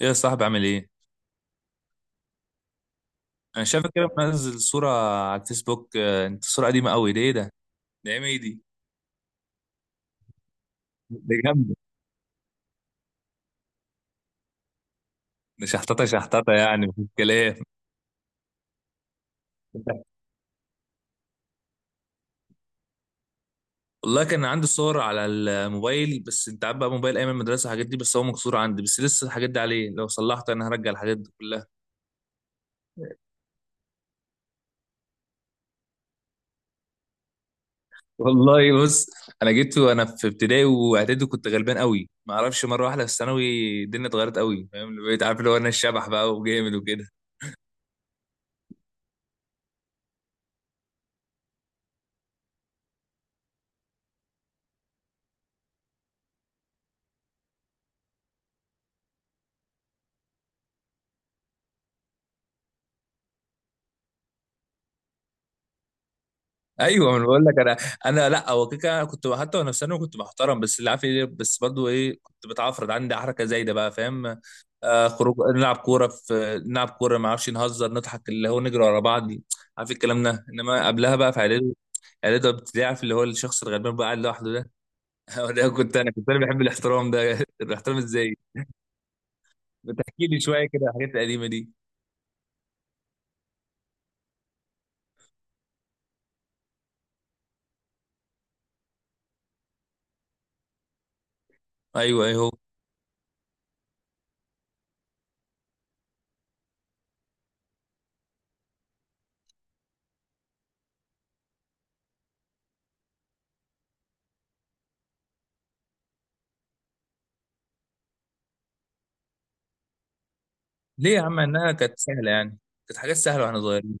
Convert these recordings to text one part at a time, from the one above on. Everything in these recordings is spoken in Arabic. ايه يا صاحبي عامل ايه؟ انا شايفك كده منزل صورة على الفيسبوك، انت صورة قديمة قوي، ده ايه ده؟ ده ايام ايه دي؟ ده جامدة، ده شحططة شحططة يعني مفيش كلام. والله كان عندي صور على الموبايل، بس انت عارف بقى موبايل ايام المدرسة الحاجات دي، بس هو مكسور عندي، بس لسه الحاجات دي عليه، لو صلحت انا هرجع الحاجات دي كلها. والله بص، انا جيت وانا في ابتدائي واعدادي كنت غلبان قوي، ما اعرفش، مرة واحدة في الثانوي الدنيا اتغيرت قوي، فاهم؟ بقيت عارف اللي هو انا الشبح بقى وجامد. ايوه، ما انا بقول لك، انا لا، هو كده كده أنا كنت حتى وانا في ثانوي كنت محترم، بس اللي عارف ايه، بس برضو ايه، كنت بتعفرض، عندي حركه زايده بقى، فاهم؟ خروج نلعب كوره، نلعب كوره ما اعرفش، نهزر نضحك اللي هو نجري ورا بعض، عارف الكلام ده، انما قبلها بقى في اعدادي، اعدادي ابتدائي، عارف اللي هو الشخص الغلبان بقى قاعد لوحده ده. هو ده، كنت انا بحب الاحترام ده. الاحترام ازاي؟ بتحكي لي شويه كده على الحاجات القديمه دي؟ ايوه ايوه. ليه يا عم؟ انها كانت سهله يعني، كانت حاجات سهله واحنا صغيرين.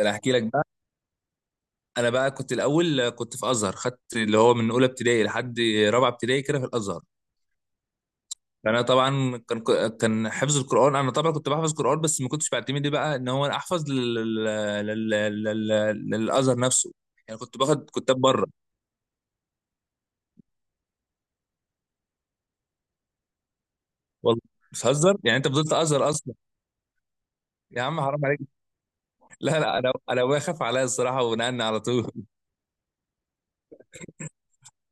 انا احكي لك بقى. انا بقى كنت الاول كنت في ازهر، خدت اللي هو من اولى ابتدائي لحد رابعه ابتدائي كده في الازهر. فانا طبعا كان حفظ القران، انا طبعا كنت بحفظ قران، بس ما كنتش بعتمد إيه بقى ان هو انا احفظ للازهر نفسه. يعني كنت باخد كتاب بره. والله بتهزر يعني، انت فضلت ازهر اصلا؟ يا عم حرام عليك. لا لا، انا ابويا خاف عليا الصراحه ونقلني على طول.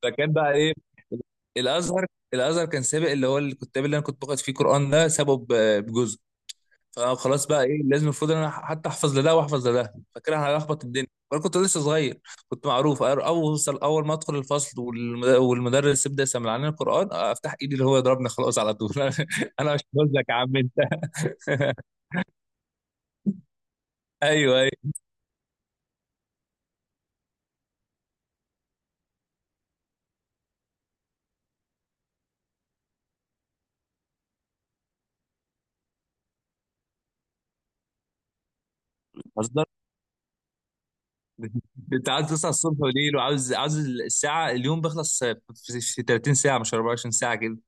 فكان بقى ايه؟ الازهر الازهر كان سابق اللي هو الكتاب اللي انا كنت باخد فيه قران ده، سابه بجزء. فخلاص بقى ايه، لازم المفروض ان انا حتى احفظ لده واحفظ لده، فكده هلخبط الدنيا وانا كنت لسه صغير. كنت معروف، اوصل اول ما ادخل الفصل، والمدرس يبدا يسمع لنا القران، افتح ايدي اللي هو يضربني خلاص على طول. انا مش هنزلك يا عم انت. ايوه ايوه. اصدر، انت عاوز تصحى الصبح وليل، وعاوز الساعه اليوم بيخلص في 30 ساعه مش 24 ساعه كده.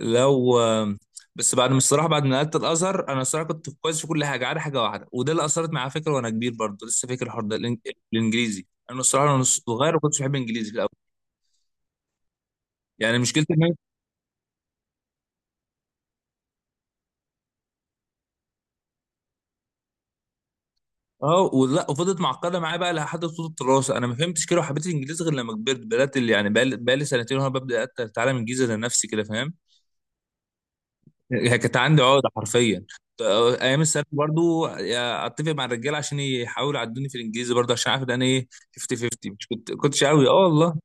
لو، بس بعد ما الصراحه، بعد ما نقلت الازهر، انا الصراحه كنت كويس في كل حاجه. عارف حاجه واحده وده اللي اثرت معايا، فكره وانا كبير برضه لسه فاكر الحوار ده، الانجليزي. انا الصراحه وانا صغير ما كنتش بحب الانجليزي في الاول. يعني مشكلتي ان أنا- اه، ولا وفضلت معقده معايا بقى لحد طول الدراسه، انا ما فهمتش كده وحبيت الانجليزي غير لما كبرت، بدات اللي يعني بقى لي سنتين وانا ببدا اتعلم انجليزي لنفسي كده، فاهم؟ هي كانت عندي عقده حرفيا. ايام الثانوي برضو اتفق مع الرجاله عشان يحاولوا يعدوني في الانجليزي، برضو عشان عارف ان انا ايه، 50 50، مش كنتش قوي. اه والله.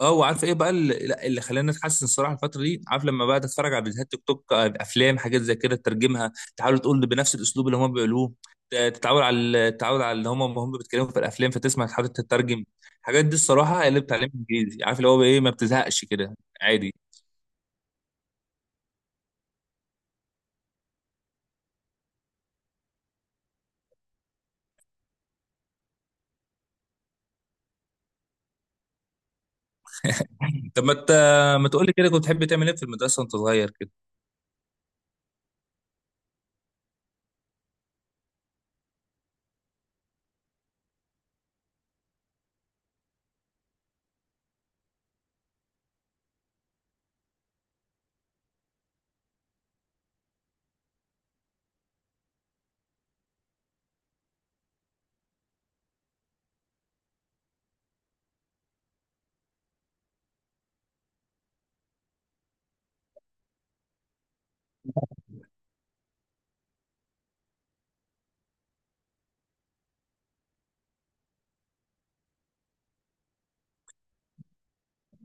اه، وعارف ايه بقى اللي، لا، اللي خلاني اتحسن الصراحه الفتره دي، عارف لما بقى اتفرج على فيديوهات تيك توك، افلام، حاجات زي كده تترجمها، تحاول تقول بنفس الاسلوب اللي هم بيقولوه. تتعود على اللي هم بيتكلموا في الافلام، فتسمع تحاول تترجم. الحاجات دي الصراحه هي اللي بتعلمني انجليزي، عارف اللي هو ايه، ما بتزهقش كده، عادي. طب ما تقول لي كده، كنت بتحب تعمل ايه في المدرسه وانت صغير كده؟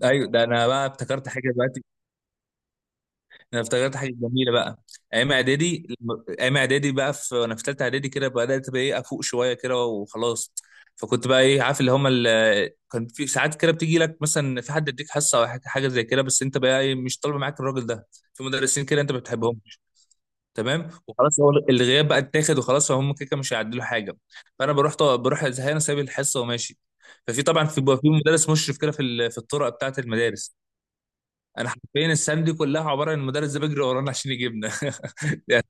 ايوه، ده انا بقى افتكرت حاجه دلوقتي، انا افتكرت حاجه جميله بقى. ايام اعدادي بقى في وانا في ثالثه اعدادي كده، بدات بقى ايه افوق شويه كده وخلاص. فكنت بقى ايه عارف اللي هم ال... كان في ساعات كده بتيجي لك مثلا في حد يديك حصه او حاجة زي كده، بس انت بقى ايه، مش طالبه معاك الراجل ده، في مدرسين كده انت ما بتحبهم، تمام. وخلاص هو الغياب بقى اتاخد وخلاص، فهم كده كده مش هيعدلوا حاجه. فانا بروح زهقان سايب الحصه وماشي. ففي طبعا، في بيبقى في مدرس مشرف كده، في الطرق بتاعه المدارس. انا حرفيا السنه دي كلها عباره عن المدرس ده بيجري ورانا عشان يجيبنا. يعني،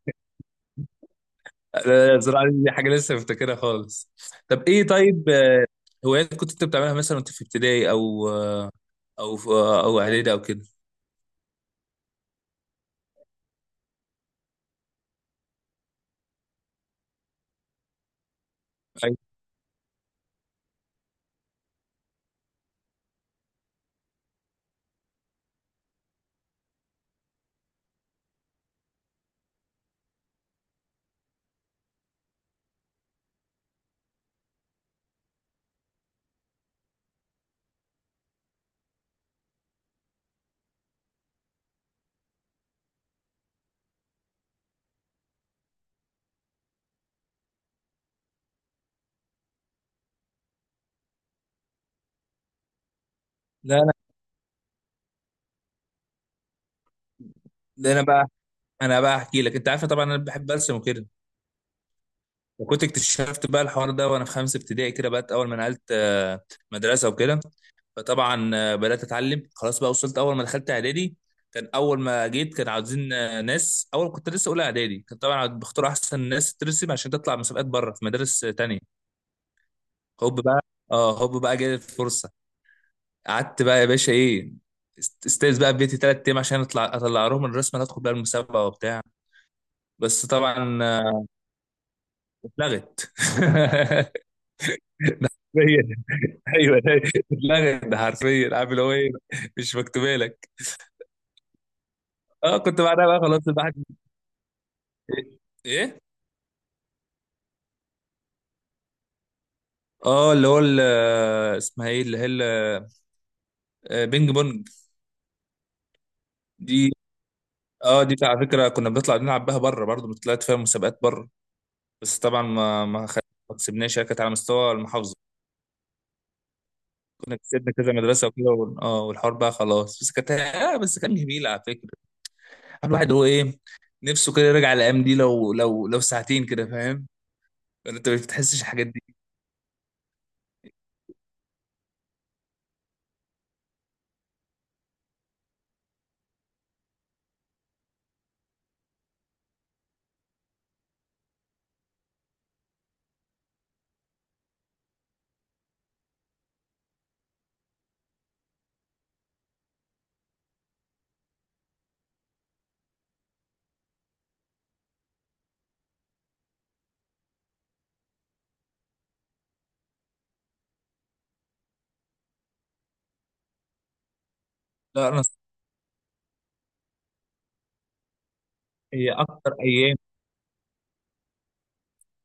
أنا بصراحه دي حاجه لسه مفتكرها خالص. طب ايه، طيب، هوايات كنت انت بتعملها مثلا وانت في ابتدائي او، او او اعدادي او كده؟ أيوة. لا لا، ده انا بقى، انا بقى احكي لك. انت عارفه طبعا انا بحب ارسم وكده، وكنت اكتشفت بقى الحوار ده وانا في 5 ابتدائي كده بقى، اول ما نقلت مدرسه وكده. فطبعا بدات اتعلم خلاص بقى، وصلت اول ما دخلت اعدادي، كان اول ما جيت كان عاوزين ناس، اول كنت لسه اولى اعدادي، كان طبعا بختار احسن ناس ترسم عشان تطلع مسابقات بره في مدارس تانية. هوب بقى. اه هوب بقى جالي الفرصه. قعدت بقى يا باشا ايه، استاذ بقى في بيتي 3 ايام عشان اطلع لهم الرسمه اللي ادخل بقى المسابقه وبتاع. بس طبعا، اتلغت. ايوه، ده اتلغت، ده حرفيا عارف اللي هو ايه، مش مكتوبه لك. اه، كنت بعدها بقى خلاص الواحد، ايه، إيه؟ اه، اللي هو ال-، اسمها ايه اللي هي ال-، بينج بونج، دي. اه، دي على فكره كنا بنطلع نلعب بها بره برضه، طلعت فيها مسابقات بره. بس طبعا ما ما كسبناش، هي كانت على مستوى المحافظه. كنا كسبنا كذا مدرسه وكده، والحوار بقى خلاص، بس كان جميل على فكره. الواحد، هو ايه، نفسه كده يرجع الايام دي لو ساعتين كده، فاهم؟ ولا انت مش بتحسش الحاجات دي؟ لا انا، هي اكتر ايام،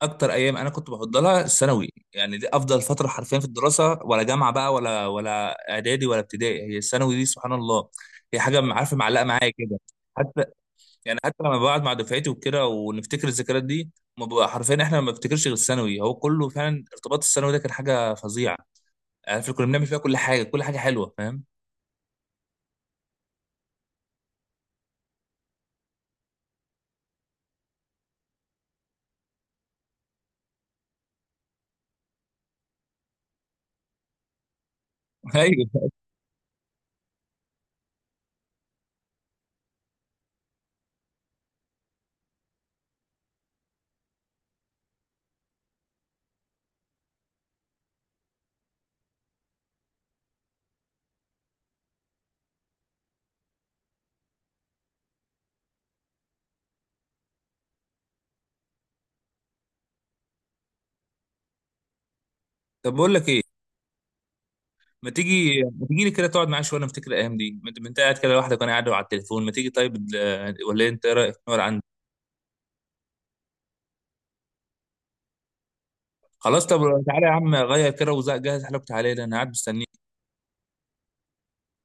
اكتر ايام انا كنت بفضلها الثانوي، يعني دي افضل فتره حرفيا في الدراسه ولا جامعه بقى، ولا اعدادي ولا ابتدائي، هي الثانوي دي سبحان الله. هي حاجه عارفه معلقه معايا كده، حتى، يعني حتى لما بقعد مع دفعتي وكده ونفتكر الذكريات دي، ما بقى حرفيا احنا ما بنفتكرش غير الثانوي، هو كله فعلا ارتباط الثانوي ده كان حاجه فظيعه، عارف كنا بنعمل فيها كل حاجه، كل حاجه حلوه، فاهم؟ ايوه. طب بقول لك ايه، ما تيجي لي كده تقعد معايا شويه، انا افتكر الايام دي. ما أنت قاعد كده لوحدك وانا قاعد على التليفون، ما تيجي؟ طيب، ولا إيه؟ انت ايه رايك، نقعد عندي؟ خلاص طب تعالى يا عم، غير كده وجهز حالك وتعالى لي، انا قاعد مستنيك.